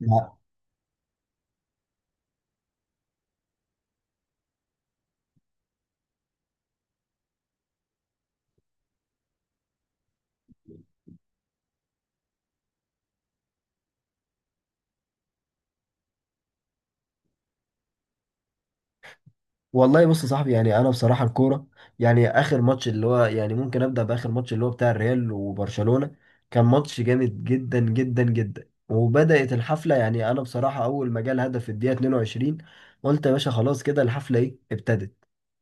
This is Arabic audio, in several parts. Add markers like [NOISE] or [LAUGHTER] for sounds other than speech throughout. لا. والله بص يا صاحبي، يعني انا بصراحه الكوره، يعني اخر ماتش اللي هو، يعني ممكن ابدا باخر ماتش اللي هو بتاع الريال وبرشلونه. كان ماتش جامد جدا جدا جدا وبدات الحفله. يعني انا بصراحه اول ما جه الهدف في الدقيقه 22 قلت يا باشا خلاص كده الحفله، ايه، ابتدت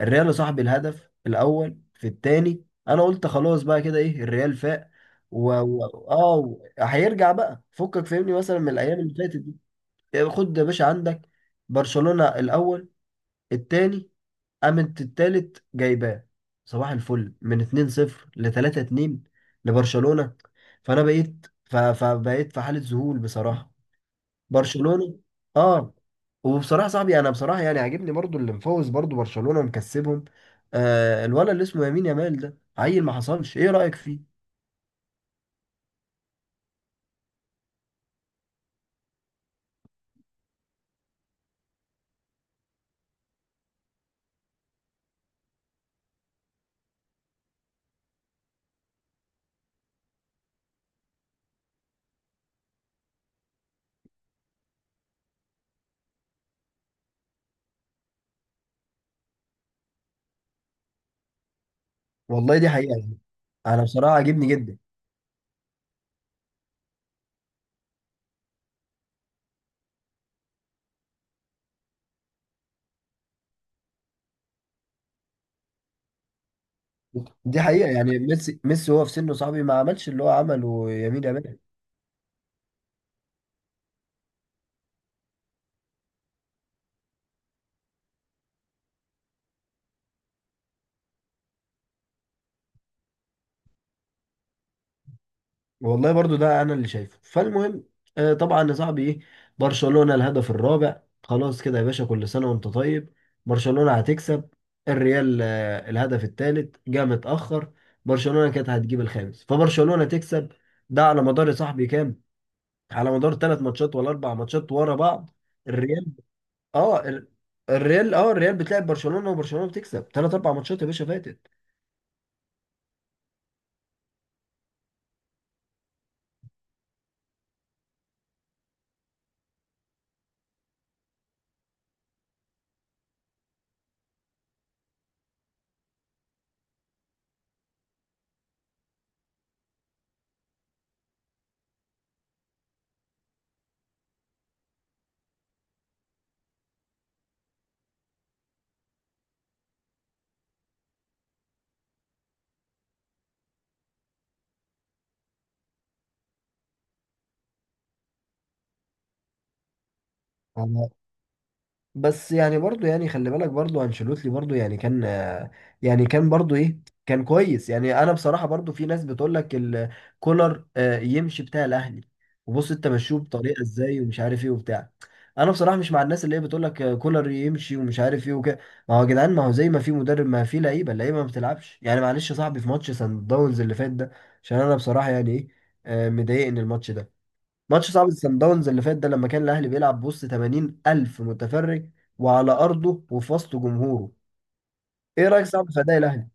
الريال. يا صاحبي الهدف الاول في الثاني، انا قلت خلاص بقى كده، ايه، الريال فاق. و... و... اه، هيرجع بقى. فكك فهمني مثلا من الايام اللي فاتت دي. خد يا باشا عندك، برشلونه الاول، الثاني، قامت التالت جايباه صباح الفل من 2-0 ل 3-2 لبرشلونة. فانا بقيت فبقيت في حالة ذهول بصراحة. برشلونة، اه، وبصراحة صاحبي، انا بصراحة يعني عاجبني برضو اللي مفوز، برضو برشلونة ومكسبهم. آه، الولد اللي اسمه يمين يامال ده عيل، ما حصلش، ايه رأيك فيه؟ والله دي حقيقة يعني. انا بصراحة عاجبني جدا. دي حقيقة. يعني ميسي هو في سنه، صاحبي، ما عملش اللي هو عمله يمين يامال. والله برضو ده انا اللي شايفه. فالمهم، طبعا يا صاحبي، ايه، برشلونة الهدف الرابع، خلاص كده يا باشا، كل سنة وانت طيب، برشلونة هتكسب. الريال الهدف الثالث جه متأخر، برشلونة كانت هتجيب الخامس، فبرشلونة تكسب. ده على مدار يا صاحبي كام، على مدار ثلاث ماتشات ولا اربع ماتشات ورا بعض. الريال، اه ال- الريال، الريال بتلعب برشلونة وبرشلونة بتكسب ثلاث اربع ماتشات يا باشا فاتت. بس يعني برضو، يعني خلي بالك، برضو انشيلوتي برضو، يعني كان يعني كان برضو، ايه، كان كويس. يعني انا بصراحة برضو، في ناس بتقول لك كولر يمشي، بتاع الاهلي، وبص انت مشوه بطريقة ازاي ومش عارف ايه وبتاع. انا بصراحة مش مع الناس اللي هي بتقول لك كولر يمشي ومش عارف ايه وكده. ما هو يا جدعان، ما هو زي ما في مدرب، ما في لعيبة، اللعيبة ما بتلعبش. يعني معلش يا صاحبي، في ماتش سان داونز اللي فات ده، عشان انا بصراحة يعني، ايه، مضايقني الماتش ده. ماتش صعب السان داونز اللي فات ده، لما كان الاهلي بيلعب بوسط 80 الف متفرج، وعلى ارضه وفي وسط جمهوره. ايه رايك؟ صعب في اداء الاهلي.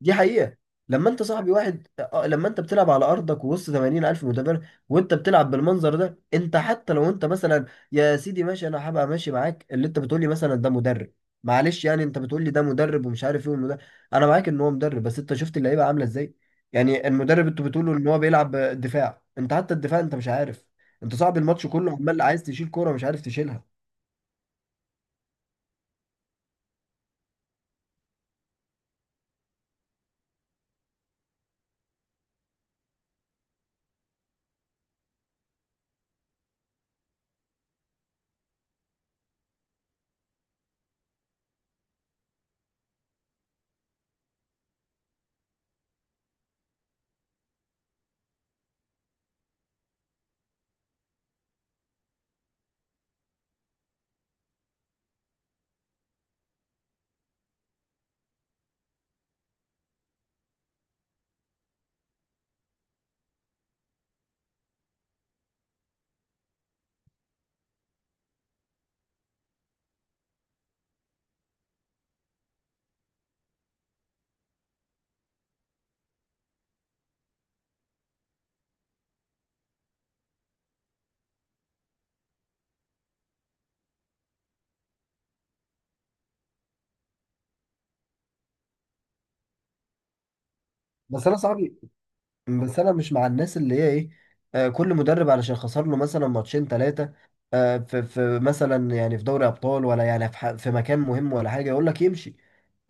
دي حقيقة. لما انت صاحبي، واحد، لما انت بتلعب على ارضك ووسط 80 الف متابع، وانت بتلعب بالمنظر ده، انت حتى لو انت مثلا، يا سيدي ماشي، انا هبقى ماشي معاك، اللي انت بتقولي مثلا ده مدرب، معلش يعني، انت بتقولي ده مدرب ومش عارف ايه، والمدرب، انا معاك ان هو مدرب، بس انت شفت اللعيبة عاملة ازاي. يعني المدرب، انتوا بتقولوا ان هو بيلعب دفاع، انت حتى الدفاع انت مش عارف. انت صاحبي الماتش كله عمال عايز تشيل كورة، مش عارف تشيلها. بس انا صاحبي، بس انا مش مع الناس اللي هي، ايه، كل مدرب علشان خسر له مثلا ماتشين ثلاثه في مثلا، يعني في دوري ابطال، ولا يعني في مكان مهم ولا حاجه، يقول لك يمشي.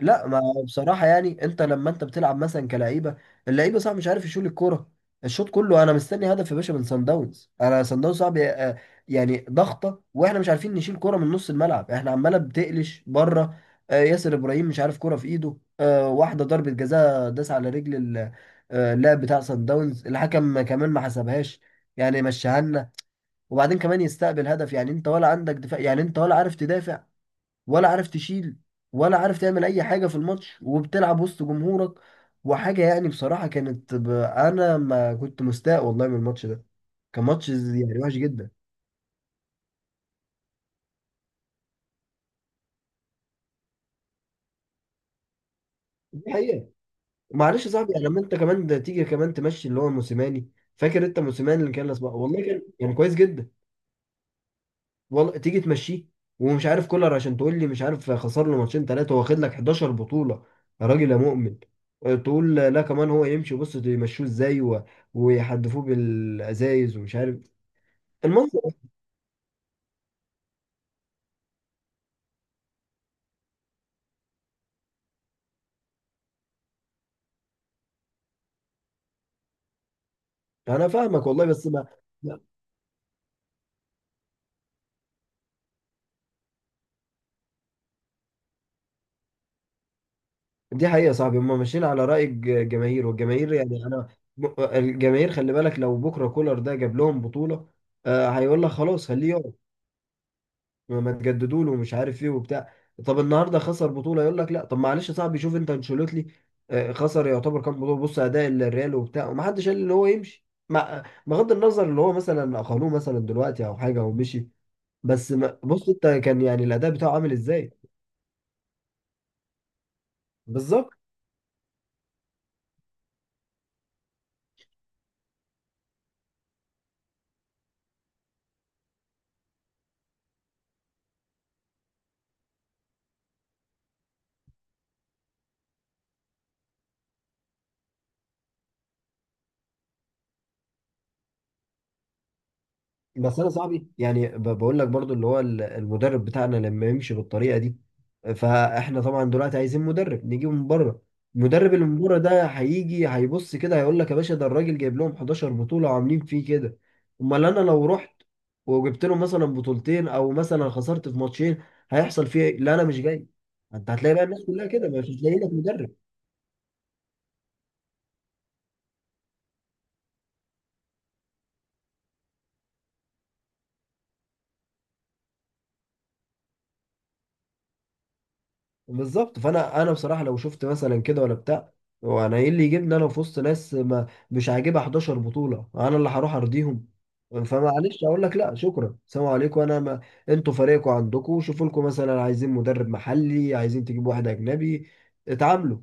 لا، ما بصراحه يعني، انت لما انت بتلعب مثلا كلعيبه، اللعيبه صعب مش عارف يشيل الكوره، الشوط كله انا مستني هدف يا باشا من سان داونز. انا سان داونز صعب، يعني ضغطه، واحنا مش عارفين نشيل كوره من نص الملعب، احنا عماله بتقلش بره. ياسر ابراهيم مش عارف كوره في ايده، واحده ضربه جزاء داس على رجل. اللعب بتاع سان داونز الحكم كمان ما حسبهاش، يعني مشاها لنا. وبعدين كمان يستقبل هدف. يعني انت ولا عندك دفاع، يعني انت ولا عارف تدافع، ولا عارف تشيل، ولا عارف تعمل اي حاجه في الماتش، وبتلعب وسط جمهورك وحاجه. يعني بصراحه كانت انا ما كنت مستاء، والله، من الماتش ده. كان ماتش يعني وحش جدا. دي حقيقه. معلش يا صاحبي، يعني لما انت كمان ده، تيجي كمان تمشي اللي هو موسيماني. فاكر انت موسيماني اللي كان لاسبوع؟ والله كان كويس جدا. والله تيجي تمشيه، ومش عارف كولر عشان تقول لي مش عارف خسر له ماتشين ثلاثه، واخد لك 11 بطوله، يا راجل يا مؤمن. تقول لا كمان هو يمشي، بص يمشوه ازاي، ويحدفوه بالازايز ومش عارف، المنظر. انا فاهمك والله، بس ما. لا، دي حقيقه يا صاحبي، هم ماشيين على راي الجماهير، والجماهير، يعني انا، الجماهير خلي بالك، لو بكره كولر ده جاب لهم بطوله، هيقول لك خلاص خليه يقعد، ما تجددوا له ومش عارف ايه وبتاع. طب النهارده خسر بطوله، يقول لك لا. طب معلش يا صاحبي، شوف انت انشيلوتي، خسر يعتبر كام بطوله، بص اداء الريال وبتاع، ومحدش قال ان هو يمشي، مع بغض النظر اللي هو مثلا اقالوه مثلا دلوقتي او حاجه او مشي، بس ما بص انت كان يعني الاداء بتاعه عامل ازاي. بالظبط. بس انا صاحبي يعني، بقول لك برضو، اللي هو المدرب بتاعنا لما يمشي بالطريقه دي، فاحنا طبعا دلوقتي عايزين مدرب نجيبه من بره. المدرب اللي من بره ده هيجي هيبص كده، هيقول لك يا باشا ده الراجل جايب لهم 11 بطوله وعاملين فيه كده، امال انا لو رحت وجبت لهم مثلا بطولتين او مثلا خسرت في ماتشين، هيحصل فيه ايه؟ لا انا مش جاي. انت هتلاقي بقى الناس كلها كده، مش هتلاقي لك مدرب. بالظبط. فانا بصراحه لو شفت مثلا كده ولا بتاع، هو انا ايه اللي يجيبني انا في وسط ناس ما مش عاجبها 11 بطوله، انا اللي هروح ارضيهم؟ فمعلش اقول لك لا شكرا، سلام عليكم، انا ما. انتوا فريقكم عندكم، شوفوا لكم مثلا، عايزين مدرب محلي، عايزين تجيبوا واحد اجنبي، اتعاملوا.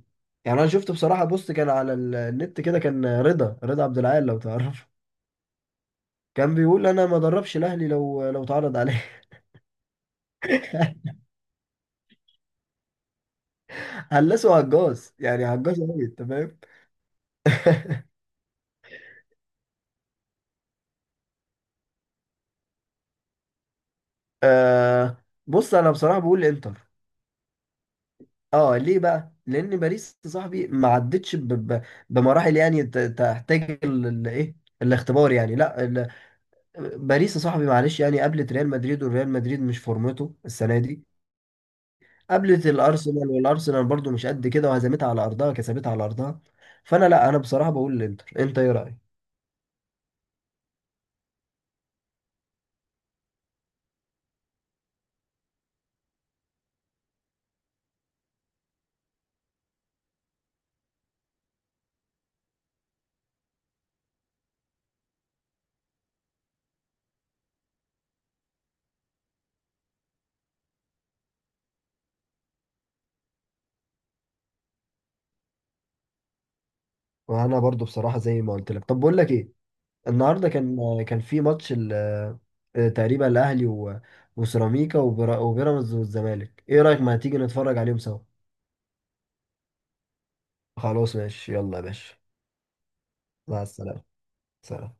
يعني انا شفت بصراحه، بص كان على النت كده، كان رضا عبد العال، لو تعرفه، كان بيقول انا ما دربش الاهلي لو اتعرض عليه. [LAUGHS] هلسه هجاص يعني، هجاص قوي، انت فاهم. [LAUGHS] آه، بص انا بصراحه بقول الانتر. اه، ليه بقى؟ لان باريس يا صاحبي ما عدتش بمراحل، يعني تحتاج الايه، الاختبار. يعني لا ال... باريس يا صاحبي، معلش يعني، قابلت ريال مدريد والريال مدريد مش فورمته السنه دي، قابلت الارسنال والارسنال برضو مش قد كده، وهزمتها على ارضها، كسبتها على ارضها. فانا لا، انا بصراحه بقول الانتر. انت ايه رايك؟ وانا برضو بصراحه زي ما قلت لك. طب بقول لك ايه، النهارده كان في ماتش آه، تقريبا الاهلي وسيراميكا، وبيراميدز والزمالك. ايه رايك ما تيجي نتفرج عليهم سوا؟ خلاص ماشي، يلا يا باشا. مع السلامه. سلام.